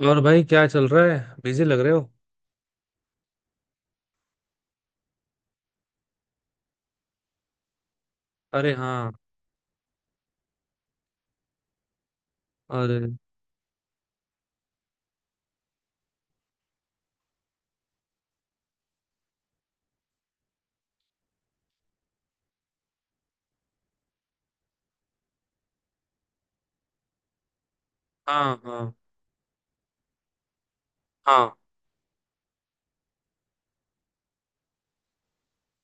और भाई क्या चल रहा है, बिजी लग रहे हो? अरे हाँ। अरे हाँ, हाँ हाँ।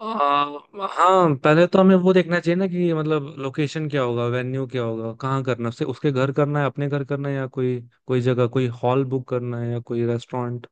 हाँ, पहले तो हमें वो देखना चाहिए ना कि मतलब लोकेशन क्या होगा, वेन्यू क्या होगा, कहाँ करना है, उसे उसके घर करना है, अपने घर करना है, या कोई कोई जगह, कोई हॉल बुक करना है, या कोई रेस्टोरेंट।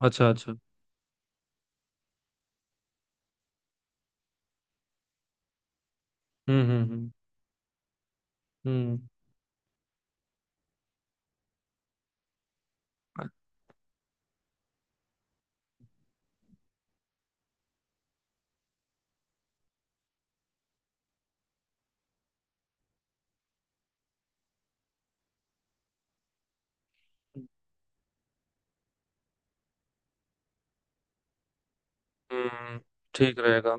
अच्छा, अच्छा। हम्म, हम्म, हम्म, हम्म, हम्म। ठीक रहेगा।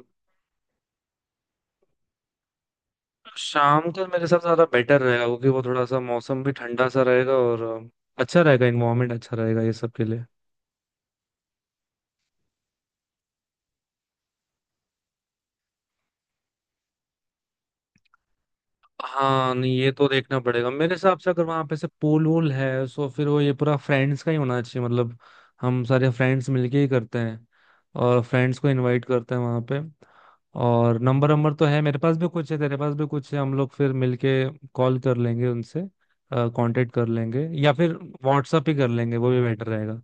शाम का मेरे हिसाब से ज़्यादा बेटर रहेगा, क्योंकि वो थोड़ा सा मौसम भी ठंडा सा रहेगा, और अच्छा रहेगा, इन्वायरमेंट अच्छा रहेगा ये सब के लिए। हाँ, नहीं ये तो देखना पड़ेगा, मेरे हिसाब से अगर वहां पे से पूल वूल है, सो फिर वो ये पूरा फ्रेंड्स का ही होना चाहिए, मतलब हम सारे फ्रेंड्स मिलके ही करते हैं, और फ्रेंड्स को इनवाइट करते हैं वहां पे। और नंबर नंबर तो है, मेरे पास भी कुछ है, तेरे पास भी कुछ है, हम लोग फिर मिलके कॉल कर लेंगे उनसे, कांटेक्ट कर लेंगे, या फिर व्हाट्सअप ही कर लेंगे, वो भी बेटर रहेगा।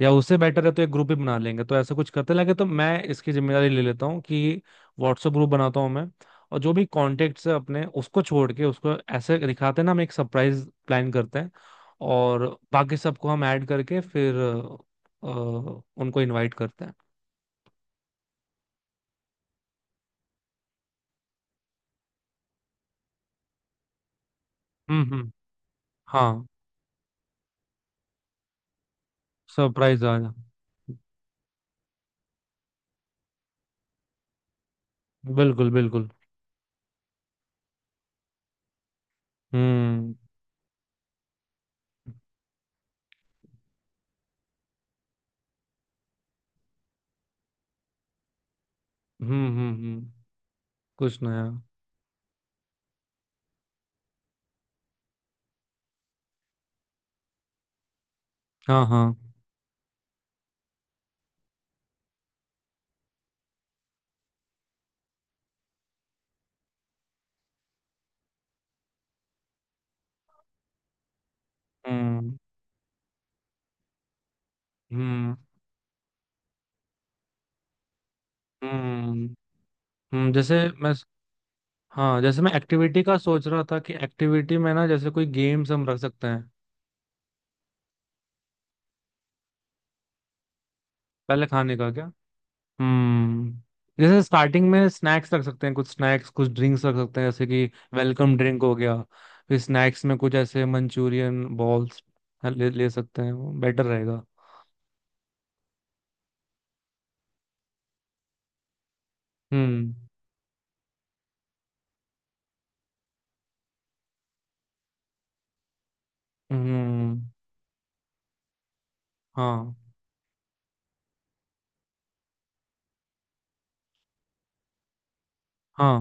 या उससे बेटर है तो एक ग्रुप ही बना लेंगे, तो ऐसा कुछ करते लगे तो मैं इसकी जिम्मेदारी ले लेता हूँ कि व्हाट्सएप ग्रुप बनाता हूँ मैं, और जो भी कॉन्टेक्ट्स है अपने, उसको छोड़ के, उसको ऐसे दिखाते हैं ना, हम एक सरप्राइज प्लान करते हैं, और बाकी सबको हम ऐड करके फिर उनको इनवाइट करते हैं। हम्म, हम्म, हाँ। सरप्राइज आ जाए। बिल्कुल, बिल्कुल। हम्म, हम्म, हम्म, कुछ नया। हाँ, हाँ। हम्म, हम्म, हम्म, जैसे मैं, हाँ, जैसे मैं एक्टिविटी का सोच रहा था कि एक्टिविटी में ना जैसे कोई गेम्स हम रख सकते हैं। पहले खाने का क्या? हम्म, जैसे स्टार्टिंग में स्नैक्स रख सकते हैं, कुछ स्नैक्स, कुछ ड्रिंक्स रख सकते हैं, जैसे कि वेलकम ड्रिंक हो गया। फिर स्नैक्स में कुछ ऐसे मंचूरियन बॉल्स ले सकते हैं, वो बेटर रहेगा। हम्म, हम्म, हाँ, हाँ।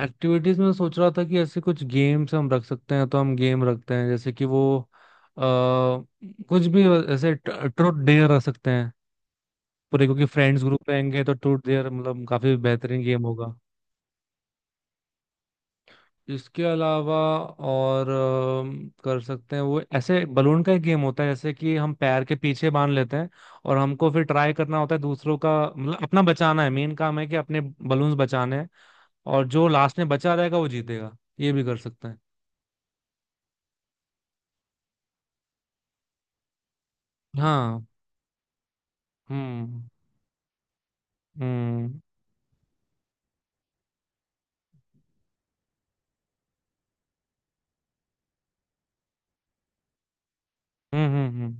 एक्टिविटीज में सोच रहा था कि ऐसे कुछ गेम्स हम रख सकते हैं, तो हम गेम रखते हैं, जैसे कि वो आ, कुछ भी, ऐसे ट्रूथ डेयर रख सकते हैं पूरे, क्योंकि फ्रेंड्स ग्रुप रहेंगे तो ट्रूथ डेयर मतलब काफी बेहतरीन गेम होगा। इसके अलावा, और कर सकते हैं वो ऐसे बलून का एक गेम होता है, जैसे कि हम पैर के पीछे बांध लेते हैं, और हमको फिर ट्राई करना होता है दूसरों का, मतलब अपना बचाना है, मेन काम है कि अपने बलून्स बचाने हैं, और जो लास्ट में बचा रहेगा वो जीतेगा, ये भी कर सकते हैं। हाँ, हम्म, हम्म, हम्म, हम्म,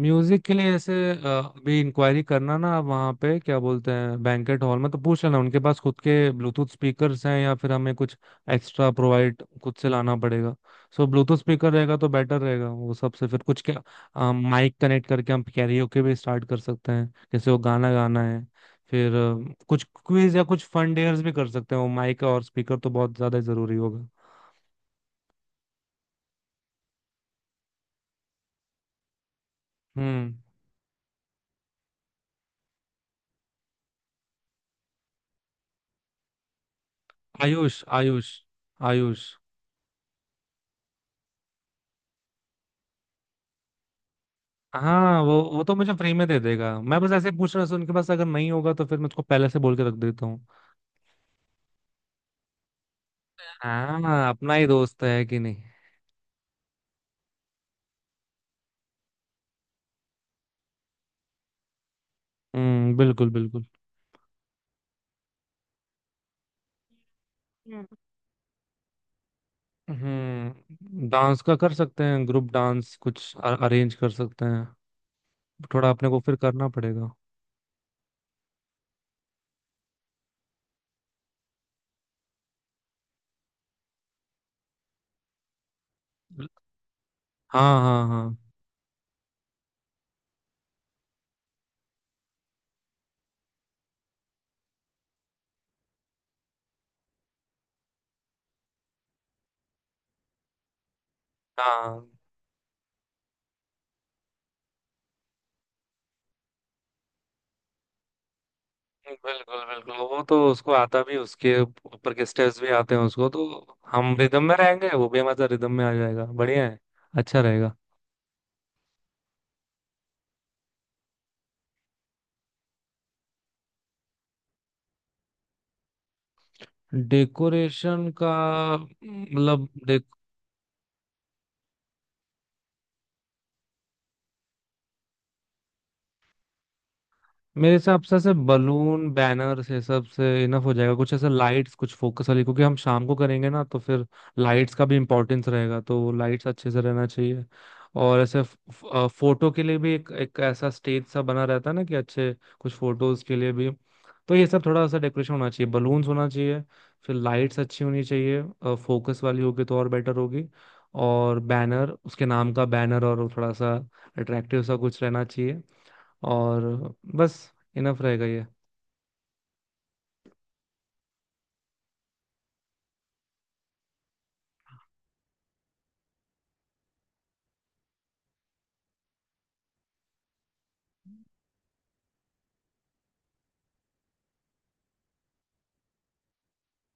म्यूजिक के लिए ऐसे अभी इंक्वायरी करना ना, आप वहाँ पे क्या बोलते हैं, बैंकेट हॉल में तो पूछ लेना उनके पास खुद के ब्लूटूथ स्पीकर्स हैं, या फिर हमें कुछ एक्स्ट्रा प्रोवाइड खुद से लाना पड़ेगा। सो ब्लूटूथ स्पीकर रहेगा तो बेटर रहेगा वो सबसे, फिर कुछ क्या माइक कनेक्ट करके हम कैरियोके भी स्टार्ट कर सकते हैं, जैसे वो गाना गाना है। फिर कुछ क्विज या कुछ फन डेयर्स भी कर सकते हैं, वो माइक और स्पीकर तो बहुत ज्यादा जरूरी होगा। हम्म। आयुष, आयुष। आयुष। हाँ, वो तो मुझे फ्री में दे देगा, मैं बस ऐसे ही पूछ रहा था उनके पास, अगर नहीं होगा तो फिर मैं उसको पहले से बोल के रख देता हूँ। हाँ, अपना ही दोस्त है कि नहीं। हम्म, बिल्कुल, बिल्कुल। हम्म, हम्म, डांस का कर सकते हैं, ग्रुप डांस कुछ अरेंज कर सकते हैं, थोड़ा अपने को फिर करना पड़ेगा। हाँ, हाँ, हाँ, हाँ। बिल्कुल, बिल्कुल, वो तो उसको आता भी, उसके ऊपर के स्टेप्स भी आते हैं उसको, तो हम रिदम में रहेंगे, वो भी हमारे रिदम में आ जाएगा, बढ़िया है, अच्छा रहेगा। डेकोरेशन का? मतलब, मेरे हिसाब से ऐसे बलून बैनर्स ये सब से इनफ हो जाएगा, कुछ ऐसे लाइट्स, कुछ फोकस वाली, क्योंकि हम शाम को करेंगे ना, तो फिर लाइट्स का भी इम्पोर्टेंस रहेगा, तो लाइट्स अच्छे से रहना चाहिए। और ऐसे फोटो के लिए भी एक एक ऐसा स्टेज सा बना रहता है ना कि अच्छे कुछ फोटोज के लिए भी, तो ये सब थोड़ा सा डेकोरेशन होना चाहिए, बलून्स होना चाहिए, फिर लाइट्स अच्छी होनी चाहिए, फोकस वाली होगी तो और बेटर होगी। और बैनर, उसके नाम का बैनर, और वो थोड़ा सा अट्रैक्टिव सा कुछ रहना चाहिए, और बस, इनफ रहेगा ये।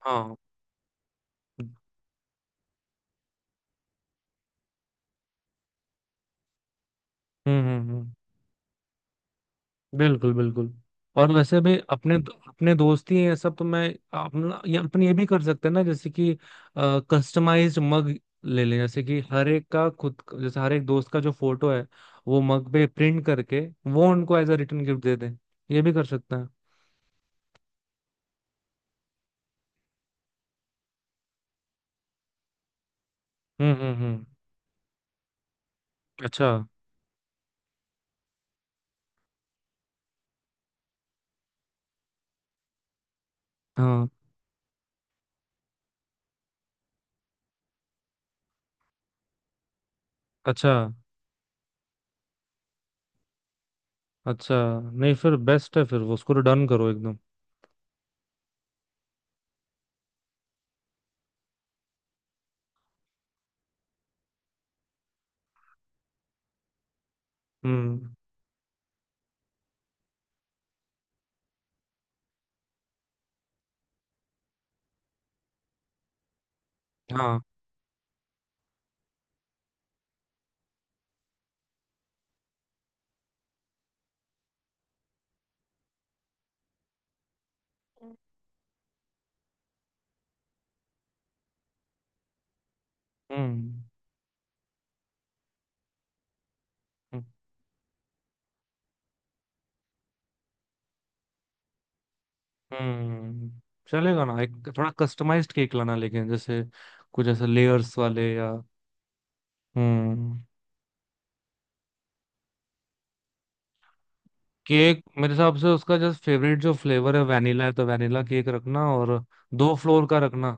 हाँ। हम्म, हम्म, हम्म। बिल्कुल, बिल्कुल। और वैसे भी अपने अपने दोस्त ही ये सब, तो मैं अपन ये भी कर सकते हैं ना, जैसे कि कस्टमाइज्ड मग ले लें, जैसे कि हर एक का खुद का- जैसे हर एक दोस्त का जो फोटो है वो मग पे प्रिंट करके वो उनको एज अ रिटर्न गिफ्ट दे दें, ये भी कर सकते हैं। हम्म, हम्म, हम्म, अच्छा, हाँ। अच्छा, अच्छा, नहीं फिर बेस्ट है, फिर वो उसको डन करो एकदम। हम्म, हाँ, हम्म, हम्म, चलेगा ना, एक थोड़ा कस्टमाइज्ड केक लाना, लेकिन जैसे कुछ ऐसे लेयर्स वाले, या हम्म, केक मेरे हिसाब से उसका जस्ट फेवरेट जो फ्लेवर है वैनिला है, तो वैनिला केक रखना, और दो फ्लोर का रखना,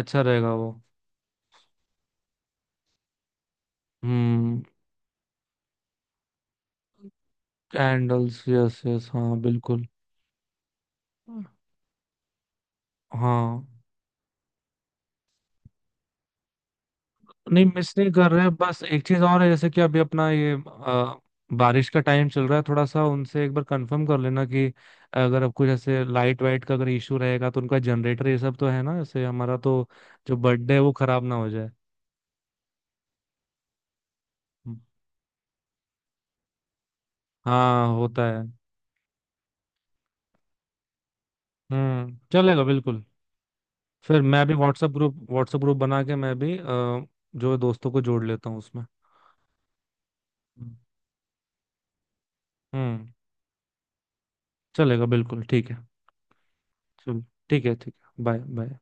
अच्छा रहेगा वो। हम्म, कैंडल्स, यस, यस, हाँ, बिल्कुल। हाँ, नहीं मिस नहीं कर रहे, बस एक चीज और है, जैसे कि अभी अपना ये बारिश का टाइम चल रहा है, थोड़ा सा उनसे एक बार कंफर्म कर लेना कि अगर आपको जैसे लाइट वाइट का अगर इशू रहेगा, तो उनका जनरेटर ये सब तो है ना, जैसे हमारा तो जो बर्थडे है वो खराब ना हो जाए। हाँ, होता है। हम्म, चलेगा बिल्कुल। फिर मैं भी व्हाट्सएप ग्रुप बना के मैं भी जो दोस्तों को जोड़ लेता हूँ उसमें। हम्म, चलेगा बिल्कुल, ठीक है। चलो, ठीक है, ठीक है, बाय बाय।